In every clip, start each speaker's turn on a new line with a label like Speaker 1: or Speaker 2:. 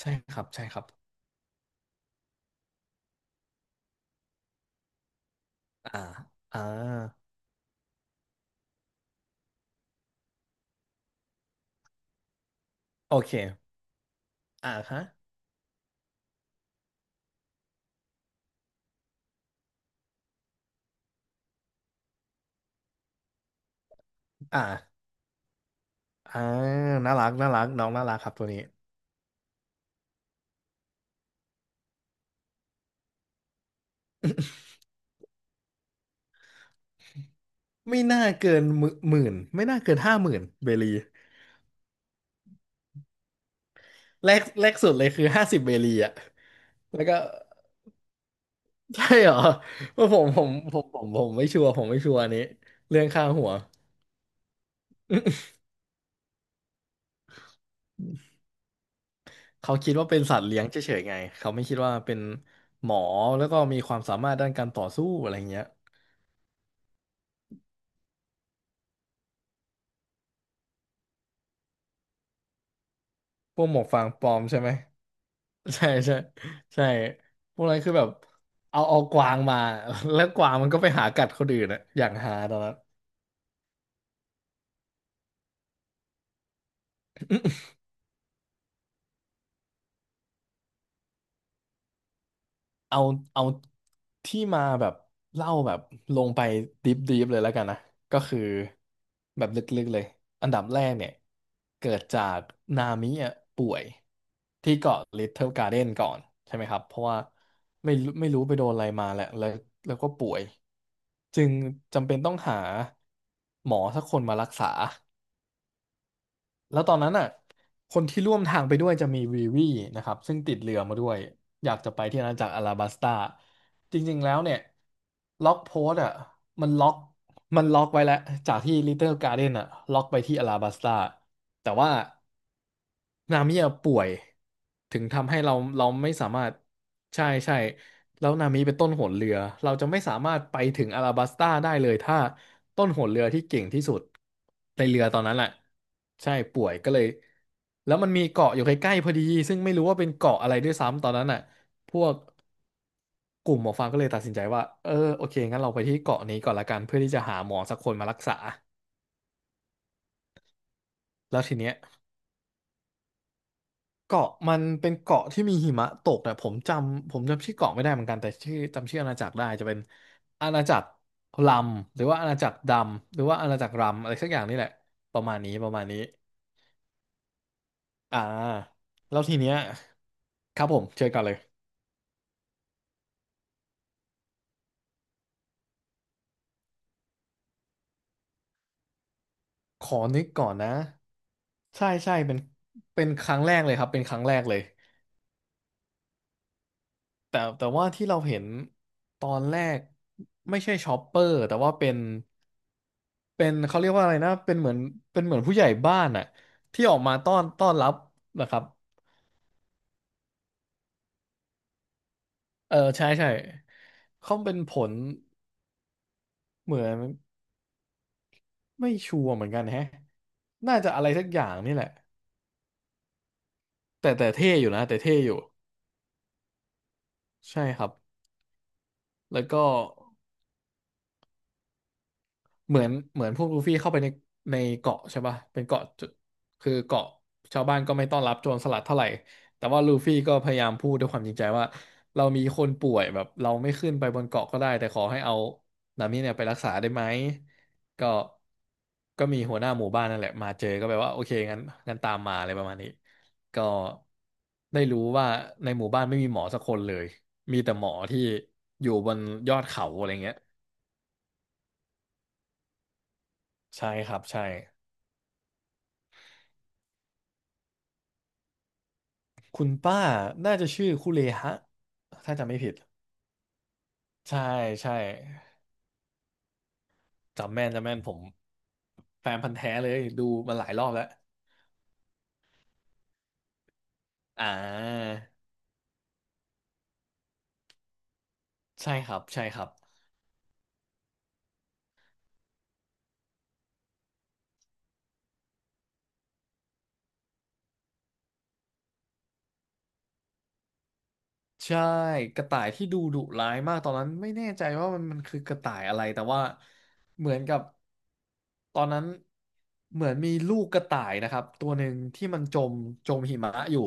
Speaker 1: ใช่ครับใช่ครับอ่าอ่าโอเคอ่าฮะอ่าอ่าน่ารักน่ารักน้องน่ารักครับตัวนี้ไม่น่าเกินหมื่นไม่น่าเกิน50,000 เบลีแรกแรกสุดเลยคือ50 เบลีอ่ะแล้วก็ใช่เหรอผมไม่ชัวร์ผมไม่ชัวร์อันนี้เรื่องค่าหัว เขาคิดว่าเป็นสัตว์เลี้ยงเฉยๆไงเขาไม่คิดว่าเป็นหมอแล้วก็มีความสามารถด้านการต่อสู้อะไรเงี้ย พวกหมวกฟางปลอมใช่ไหมใช่ใช่ใช่พวกนั้นคือแบบเอากวางมา แล้วกวางมันก็ไปหากัดคนอื่นอะอย่างหาตอนนั้น เอาเอาที่มาแบบเล่าแบบลงไปดิฟดิฟเลยแล้วกันนะก็คือแบบลึกๆเลยอันดับแรกเนี่ยเกิดจากนามิอ่ะป่วยที่เกาะลิ t เทิลการ์เด้นก่อนใช่ไหมครับเพราะว่าไม่รู้ไปโดนอะไรมาแหละแล้วก็ป่วยจึงจำเป็นต้องหาหมอสักคนมารักษาแล้วตอนนั้นอ่ะคนที่ร่วมทางไปด้วยจะมีวีวีนะครับซึ่งติดเรือมาด้วยอยากจะไปที่อาณาจักรอาราบัสตา จริงๆ แล้วเนี่ยล็อกโพสต์อ่ะมันล็อกมันล็อกไว้แล้วจากที่ Little Garden อ่ะล็อกไปที่อลาบัสตาแต่ว่านามิอะป่วยถึงทำให้เราไม่สามารถใช่ใช่แล้วนามิเป็นต้นหนเรือเราจะไม่สามารถไปถึงอลาบัสตาได้เลยถ้าต้นหนเรือที่เก่งที่สุดในเรือตอนนั้นแหละใช่ป่วยก็เลยแล้วมันมีเกาะอยู่ใกล้ๆพอดีซึ่งไม่รู้ว่าเป็นเกาะอะไรด้วยซ้ำตอนนั้นอ่ะ พวกกลุ่มหมอฟังก็เลยตัดสินใจว่าเออโอเคงั้นเราไปที่เกาะนี้ก่อนละกันเพื่อที่จะหาหมอสักคนมารักษาแล้วทีเนี้ยเกาะมันเป็นเกาะที่มีหิมะตกแต่ผมจำชื่อเกาะไม่ได้เหมือนกันแต่จำชื่ออาณาจักรได้จะเป็นอาณาจักรลำหรือว่าอาณาจักรดำหรือว่าอาณาจักรรำอะไรสักอย่างนี่แหละประมาณนี้ประมาณนี้อ่าแล้วทีเนี้ยครับผมเชิญก่อนเลยขอนึกก่อนนะใช่ใช่เป็นครั้งแรกเลยครับเป็นครั้งแรกเลย แต่ว่าที่เราเห็นตอนแรกไม่ใช่ชอปเปอร์แต่ว่าเป็นเขาเรียกว่าอะไรนะเป็นเหมือนผู้ใหญ่บ้านอะที่ออกมาต้อนรับนะครับเออใช่ใช่เขาเป็นผลเหมือนไม่ชัวร์เหมือนกันแฮะน่าจะอะไรสักอย่างนี่แหละแต่เท่อยู่นะแต่เท่อยู่ใช่ครับแล้วก็ เหมือนพวกลูฟี่เข้าไปในเกาะใช่ป่ะเป็นเกาะจุดคือเกาะชาวบ้านก็ไม่ต้อนรับโจรสลัดเท่าไหร่แต่ว่าลูฟี่ก็พยายามพูดด้วยความจริงใจว่าเรามีคนป่วยแบบเราไม่ขึ้นไปบนเกาะก็ได้แต่ขอให้เอานามิเนี่ยไปรักษาได้ไหมก็ก็มีหัวหน้าหมู่บ้านนั่นแหละมาเจอก็แบบว่าโอเคงั้นตามมาอะไรประมาณนี้ก็ได้รู้ว่าในหมู่บ้านไม่มีหมอสักคนเลยมีแต่หมอที่อยู่บนยอดเขาอะไรเงี้ยใช่ครับใช่ คุณป้าน่าจะชื่อคุเลฮะถ้าจำไม่ผิดใช่ใช่จำแม่นจำแม่นผมแฟนพันธุ์แท้เลยดูมาหลายรอบแล้วอ่าใช่ครับใช่ครับ ใช่กระต่ายที่ดูดุร้ายมากตอนนั้นไม่แน่ใจว่ามันคือกระต่ายอะไรแต่ว่าเหมือนกับตอนนั้นเหมือนมีลูกกระต่ายนะครับตัวหนึ่งที่มันจมหิมะอยู่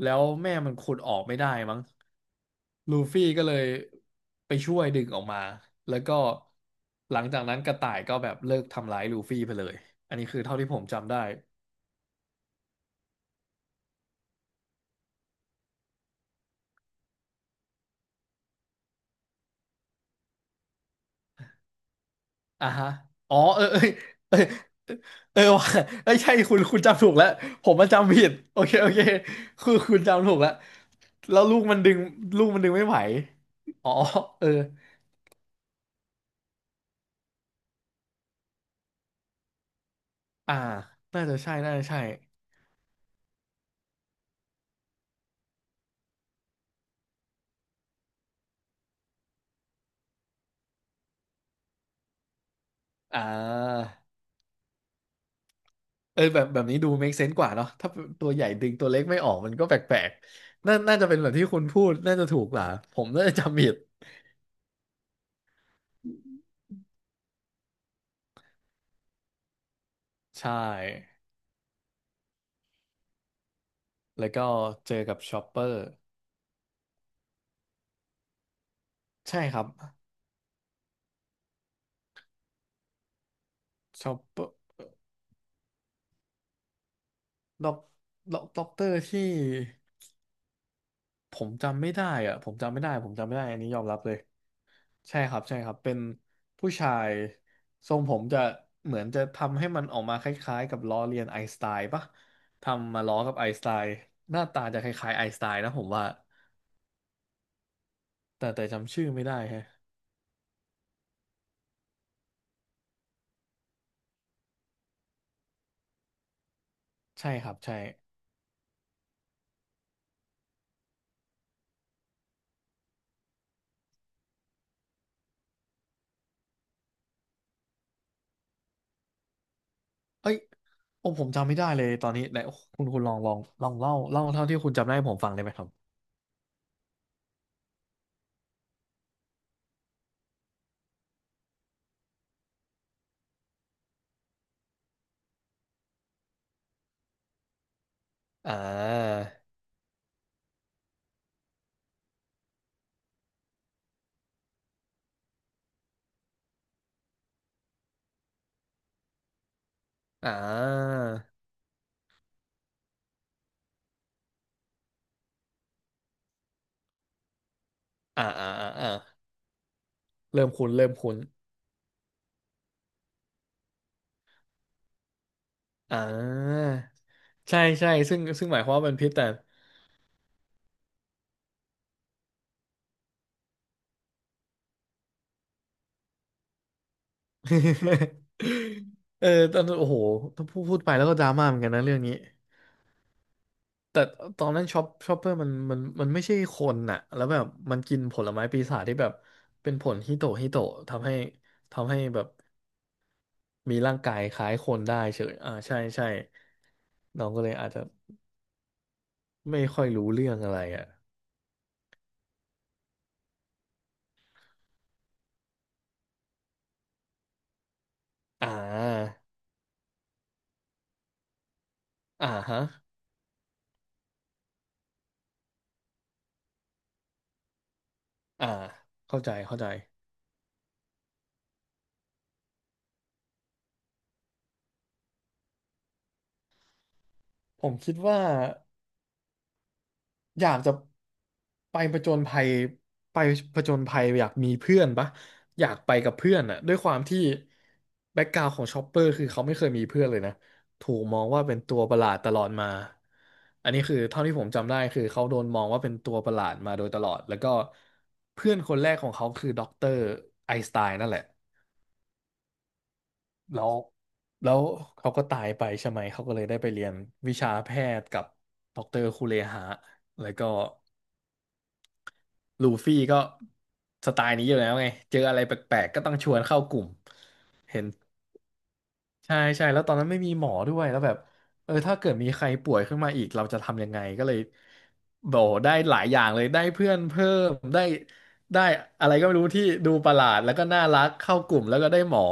Speaker 1: แล้วแม่มันขุดออกไม่ได้มั้งลูฟี่ก็เลยไปช่วยดึงออกมาแล้วก็หลังจากนั้นกระต่ายก็แบบเลิกทำร้ายลูฟี่ไปเลยอันนี้คือเท่าที่ผมจำได้ อ่าฮะอ๋อเออเออเออเออว่ะไม่ใช่คุณจำถูกแล้วผมมนจำผิดโอเคโอเคคือคุณจำถูกแล้วแล้วลูกมันดึงไม่ไหวอ๋อเอออ่าน่าจะใช่น่าจะใช่อ่าเออแบบนี้ดู make sense กว่าเนาะถ้าตัวใหญ่ดึงตัวเล็กไม่ออกมันก็แปลกๆน่าน่าจะเป็นแบบที่คุณพูดน่าจะถูกกว่าผมน่าจะจำผิดใช่แล้วก็เจอกับชอปเปอร์ใช่ครับชอปเปอร์ ด็อกด็อกเตอร์ที่ผมจำไม่ได้อะผมจำไม่ได้ผมจำไม่ได้อันนี้ยอมรับเลยใช่ครับใช่ครับเป็นผู้ชายทรงผมจะเหมือนจะทำให้มันออกมาคล้ายๆกับล้อเลียนไอน์สไตน์ปะทำมาล้อกับไอน์สไตน์หน้าตาจะคล้ายๆไอน์สไตน์นะผมว่าแต่จำชื่อไม่ได้แฮะใช่ครับใช่เอ้ยโอ้ผมจำไม่ได้เลยตอนนี้ไหนโอ้คุณคุณลองเล่าเท่าที่คุณจำได้ให้ผมฟังได้ไหมครับอ่าอ่าอ่าอ่าอ่า เริ่มคุ้นเริ่มคุ้นอ่า ใช่ใช่ซึ่งหมายความว่าเป็นพิษแต่ เออตอนนั้นโอ้โหถ้าพูดไปแล้วก็ดราม่าเหมือนกันนะเรื่องนี้ แต่ตอนนั้นช็อปเปอร์มันไม่ใช่คนน่ะแล้วแบบมันกินผลไม้ปีศาจที่แบบเป็นผลฮิโตะฮิโตะทำให้ทำให้แบบมีร่างกายคล้ายคนได้เฉยอ่า ใช่ใช่น้องก็เลยอาจจะไม่ค่อยรู้เรื่องอะไรอ่ะอ่าอ่าฮะอ่าเข้าใจเข้าใจ ผมคิดว่าอยากจะไปผจญภัยไปผจญภัยอยากมีเพื่อนปะอยากไปกับเพื่อนอะด้วยความที่แบ็กกราวของชอปเปอร์คือเขาไม่เคยมีเพื่อนเลยนะถูกมองว่าเป็นตัวประหลาดตลอดมาอันนี้คือเท่าที่ผมจำได้คือเขาโดนมองว่าเป็นตัวประหลาดมาโดยตลอดแล้วก็เพื่อนคนแรกของเขาคือด็อกเตอร์ไอน์สไตน์นั่นแหละแล้วแล้วเขาก็ตายไปใช่ไหมเขาก็เลยได้ไปเรียนวิชาแพทย์กับด็อกเตอร์คูเลหะแล้วก็ ลูฟี่ก็สไตล์นี้อยู่แล้วไงเจออะไรแปลกๆก็ต้องชวนเข้ากลุ่มเห็นใช่ใช่แล้วตอนนั้นไม่มีหมอด้วยแล้วแบบเออถ้าเกิดมีใครป่วยขึ้นมาอีกเราจะทำยังไงก็เลยบอกได้หลายอย่างเลยได้เพื่อนเพิ่มได้ได้อะไรก็ไม่รู้ที่ดูประหลาดแล้วก็น่ารักเข้ากลุ่มแล้วก็ได้หมอ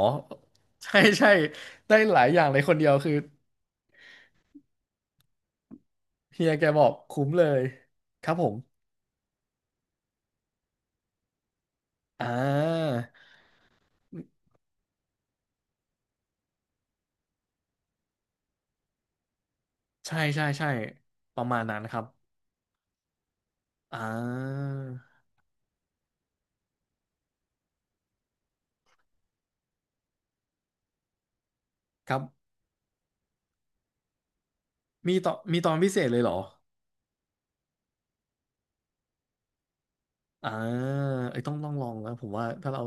Speaker 1: ใช่ใช่ได้หลายอย่างเลยคนเดียวคือเฮียแกบอกคุ้มเลยครับผมอ่าใช่ใช่ใช่ประมาณนั้นครับอ่า ครับมีตอนพิเศษเลยเหรออ่าไอ้ยต้องลองแล้วผมว่าถ้าเรา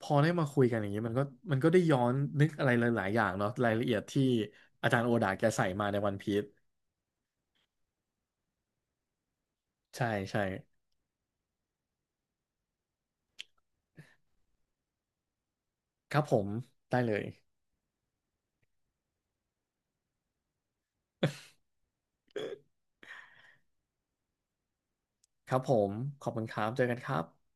Speaker 1: พอได้มาคุยกันอย่างนี้มันก็มันก็ได้ย้อนนึกอะไรหลายๆอย่างเนาะรายละเอียดที่อาจารย์โอดาแกใส่มาในวันพีซใช่ใช่ครับผมได้เลยครับผมขอบคุณครับเจอกันครับ